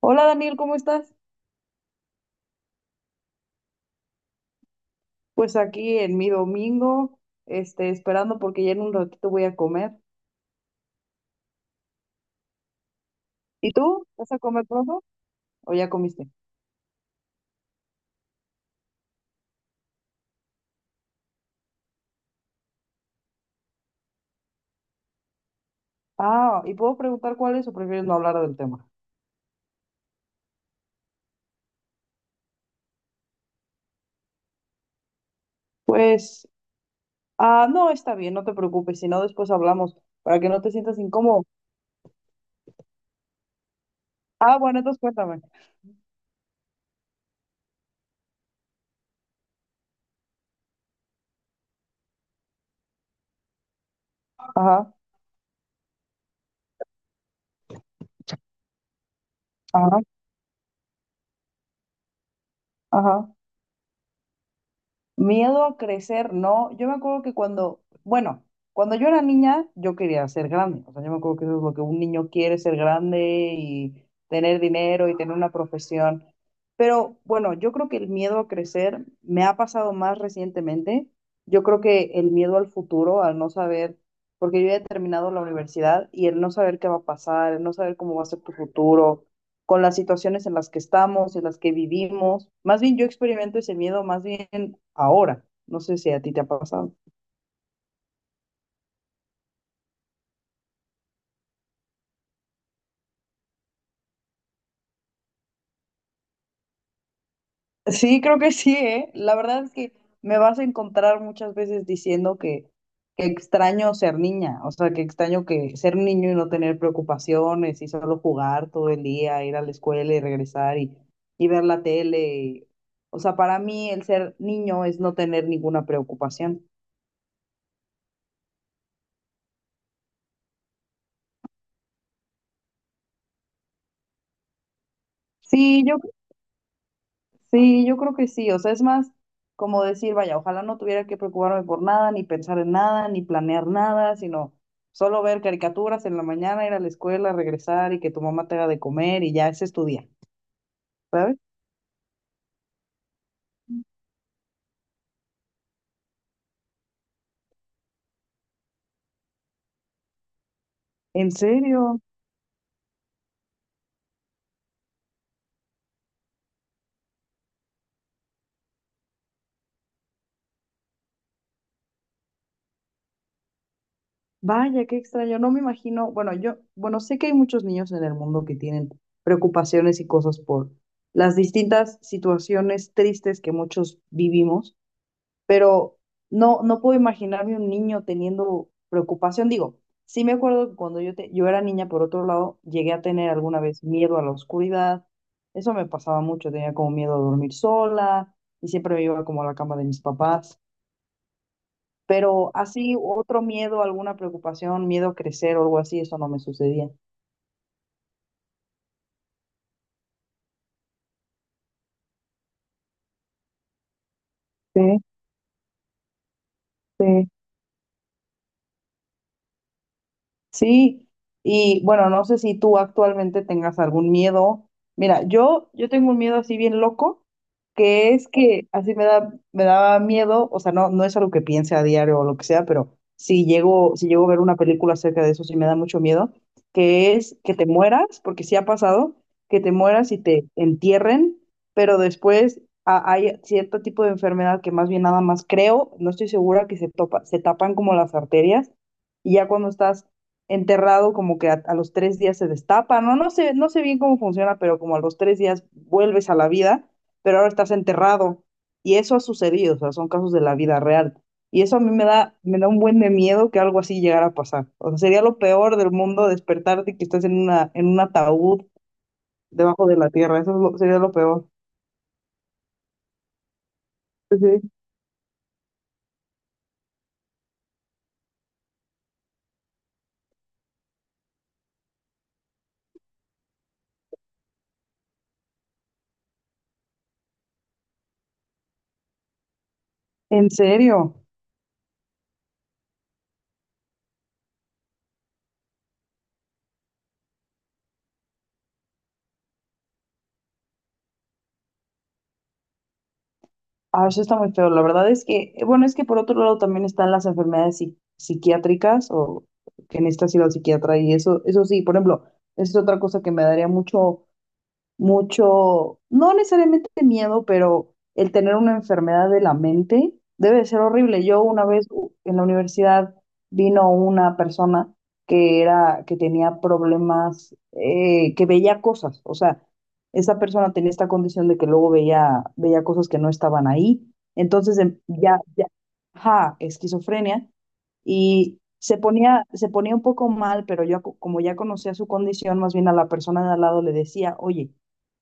Hola Daniel, ¿cómo estás? Pues aquí en mi domingo, esperando porque ya en un ratito voy a comer. ¿Y tú? ¿Vas a comer pronto? ¿O ya comiste? Ah, ¿y puedo preguntar cuál es o prefieres no hablar del tema? Pues, no, está bien, no te preocupes, si no después hablamos, para que no te sientas incómodo. Ah, bueno, entonces cuéntame. Ajá, ajá, ajá. Miedo a crecer, ¿no? Yo me acuerdo que cuando, bueno, cuando yo era niña, yo quería ser grande. O sea, yo me acuerdo que eso es lo que un niño quiere, ser grande y tener dinero y tener una profesión. Pero bueno, yo creo que el miedo a crecer me ha pasado más recientemente. Yo creo que el miedo al futuro, al no saber, porque yo ya he terminado la universidad y el no saber qué va a pasar, el no saber cómo va a ser tu futuro con las situaciones en las que estamos, en las que vivimos. Más bien yo experimento ese miedo más bien ahora. No sé si a ti te ha pasado. Sí, creo que sí, ¿eh? La verdad es que me vas a encontrar muchas veces diciendo que extraño ser niña, o sea, que extraño que ser un niño y no tener preocupaciones y solo jugar todo el día, ir a la escuela y regresar y ver la tele. O sea, para mí el ser niño es no tener ninguna preocupación. Sí, yo Sí, yo creo que sí, o sea, es más como decir, vaya, ojalá no tuviera que preocuparme por nada, ni pensar en nada, ni planear nada, sino solo ver caricaturas en la mañana, ir a la escuela, regresar y que tu mamá te haga de comer y ya ese es tu día, ¿sabes? En serio, vaya, qué extraño, no me imagino, bueno, yo, bueno, sé que hay muchos niños en el mundo que tienen preocupaciones y cosas por las distintas situaciones tristes que muchos vivimos pero no puedo imaginarme un niño teniendo preocupación. Digo, sí me acuerdo que cuando yo era niña, por otro lado, llegué a tener alguna vez miedo a la oscuridad. Eso me pasaba mucho, tenía como miedo a dormir sola y siempre me iba como a la cama de mis papás. Pero así, otro miedo, alguna preocupación, miedo a crecer o algo así, eso no me sucedía. Sí, sí. Sí, y bueno, no sé si tú actualmente tengas algún miedo. Mira, yo tengo un miedo así bien loco, que es que así me da, me daba miedo, o sea, no, no es algo que piense a diario o lo que sea, pero si llego a ver una película acerca de eso, sí me da mucho miedo, que es que te mueras, porque sí ha pasado, que te mueras y te entierren, pero después hay cierto tipo de enfermedad que más bien nada más creo, no estoy segura se tapan como las arterias. Y ya cuando estás enterrado como que a los tres días se destapa, no, no sé, no sé bien cómo funciona, pero como a los tres días vuelves a la vida, pero ahora estás enterrado. Y eso ha sucedido, o sea, son casos de la vida real. Y eso a mí me da un buen de miedo que algo así llegara a pasar. O sea, sería lo peor del mundo despertarte y que estás en en un ataúd debajo de la tierra. Sería lo peor. Sí. ¿En serio? Ah, eso está muy feo. La verdad es que, bueno, es que por otro lado también están las enfermedades psiquiátricas o que necesitas ir al psiquiatra y eso sí, por ejemplo, es otra cosa que me daría mucho mucho, no necesariamente miedo, pero el tener una enfermedad de la mente debe de ser horrible. Yo una vez en la universidad vino una persona que tenía problemas, que veía cosas. O sea, esa persona tenía esta condición de que luego veía cosas que no estaban ahí. Entonces ya, ajá, esquizofrenia y se ponía un poco mal, pero como ya conocía su condición, más bien a la persona de al lado le decía, oye,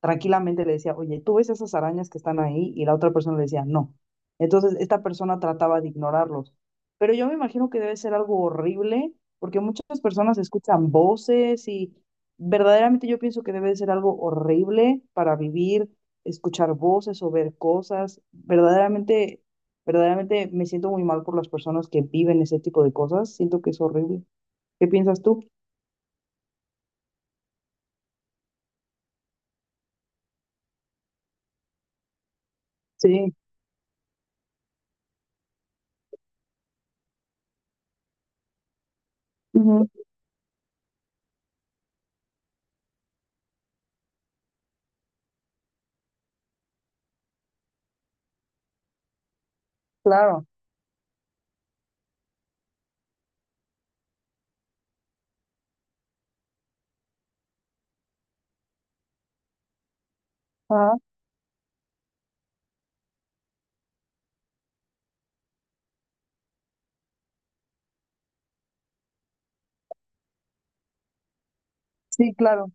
tranquilamente le decía, oye, ¿tú ves esas arañas que están ahí? Y la otra persona le decía, no. Entonces, esta persona trataba de ignorarlos. Pero yo me imagino que debe ser algo horrible, porque muchas personas escuchan voces y verdaderamente yo pienso que debe ser algo horrible para vivir, escuchar voces o ver cosas. Verdaderamente, verdaderamente me siento muy mal por las personas que viven ese tipo de cosas. Siento que es horrible. ¿Qué piensas tú? Sí, ujú, claro. Ajá, sí, claro.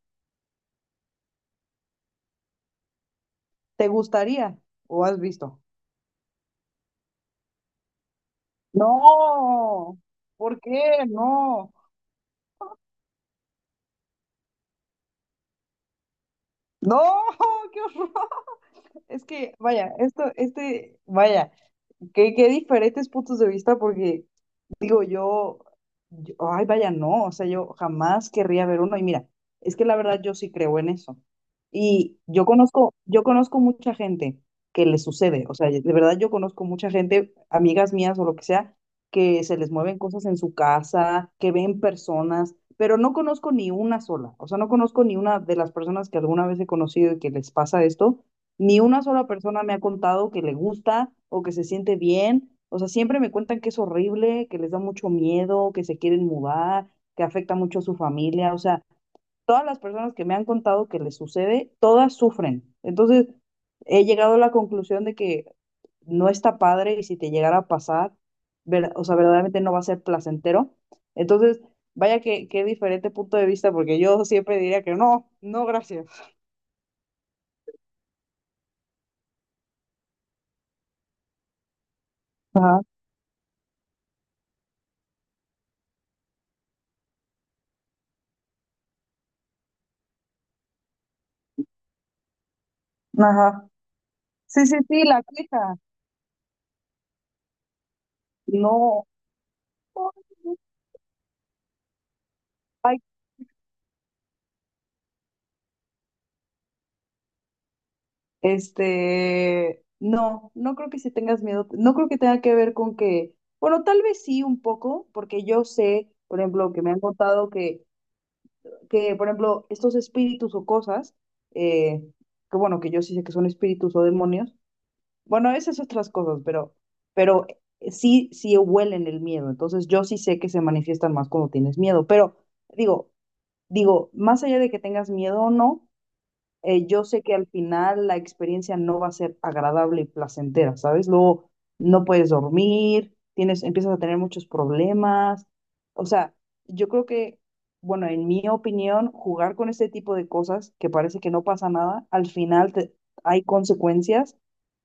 ¿Te gustaría o has visto? No, ¿por qué? No, no, qué horror. Es que, vaya, vaya, que qué diferentes puntos de vista porque digo yo, ay, vaya, no, o sea, yo jamás querría ver uno. Y mira, es que la verdad yo sí creo en eso. Y yo conozco mucha gente que le sucede, o sea, de verdad yo conozco mucha gente, amigas mías o lo que sea, que se les mueven cosas en su casa, que ven personas, pero no conozco ni una sola, o sea, no conozco ni una de las personas que alguna vez he conocido y que les pasa esto, ni una sola persona me ha contado que le gusta o que se siente bien. O sea, siempre me cuentan que es horrible, que les da mucho miedo, que se quieren mudar, que afecta mucho a su familia. O sea, todas las personas que me han contado que les sucede, todas sufren. Entonces, he llegado a la conclusión de que no está padre y si te llegara a pasar, o sea, verdaderamente no va a ser placentero. Entonces, vaya que qué diferente punto de vista, porque yo siempre diría que no, no, gracias. Ajá, ajá. Sí, sí, sí, la queja. No, este, no, no creo que si tengas miedo, no creo que tenga que ver con que, bueno, tal vez sí un poco, porque yo sé, por ejemplo, que me han contado que, por ejemplo, estos espíritus o cosas, eh, que bueno, que yo sí sé que son espíritus o demonios, bueno, esas otras cosas, pero sí, sí huelen el miedo, entonces yo sí sé que se manifiestan más cuando tienes miedo, pero digo, digo, más allá de que tengas miedo o no, yo sé que al final la experiencia no va a ser agradable y placentera, ¿sabes? Luego no puedes dormir, tienes, empiezas a tener muchos problemas. O sea, yo creo que, bueno, en mi opinión, jugar con este tipo de cosas que parece que no pasa nada, hay consecuencias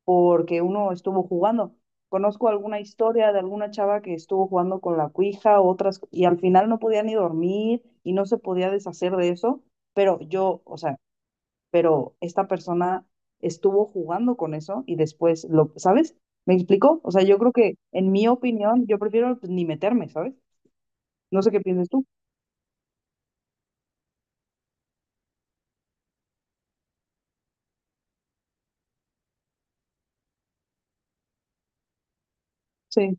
porque uno estuvo jugando. Conozco alguna historia de alguna chava que estuvo jugando con la cuija, otras, y al final no podía ni dormir y no se podía deshacer de eso pero pero esta persona estuvo jugando con eso y después lo, ¿sabes? ¿Me explico? O sea, yo creo que, en mi opinión, yo prefiero pues, ni meterme, ¿sabes? No sé qué piensas tú. Sí,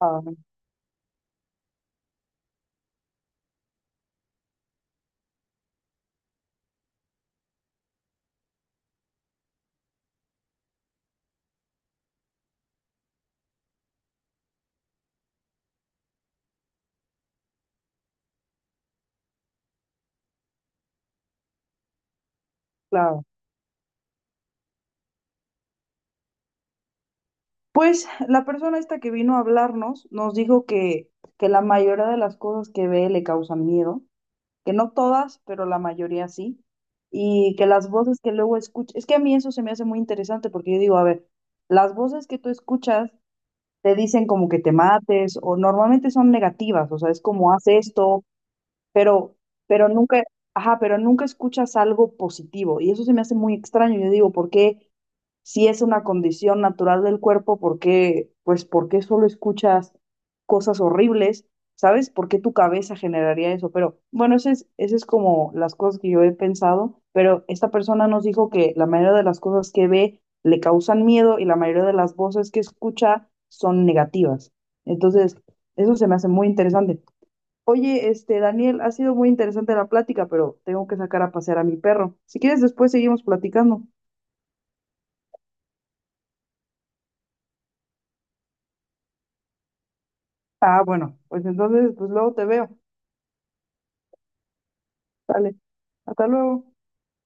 ah, claro. Pues la persona esta que vino a hablarnos nos dijo que la mayoría de las cosas que ve le causan miedo, que no todas, pero la mayoría sí, y que las voces que luego escucha, es que a mí eso se me hace muy interesante porque yo digo, a ver, las voces que tú escuchas te dicen como que te mates o normalmente son negativas, o sea, es como haz esto, pero, pero nunca, ajá, pero nunca escuchas algo positivo y eso se me hace muy extraño. Yo digo, ¿por qué si es una condición natural del cuerpo, por qué, pues, por qué solo escuchas cosas horribles? ¿Sabes? ¿Por qué tu cabeza generaría eso? Pero bueno, ese es como las cosas que yo he pensado, pero esta persona nos dijo que la mayoría de las cosas que ve le causan miedo y la mayoría de las voces que escucha son negativas. Entonces, eso se me hace muy interesante. Oye, este, Daniel, ha sido muy interesante la plática, pero tengo que sacar a pasear a mi perro. Si quieres, después seguimos platicando. Ah, bueno, pues entonces, pues luego te veo. Dale, hasta luego.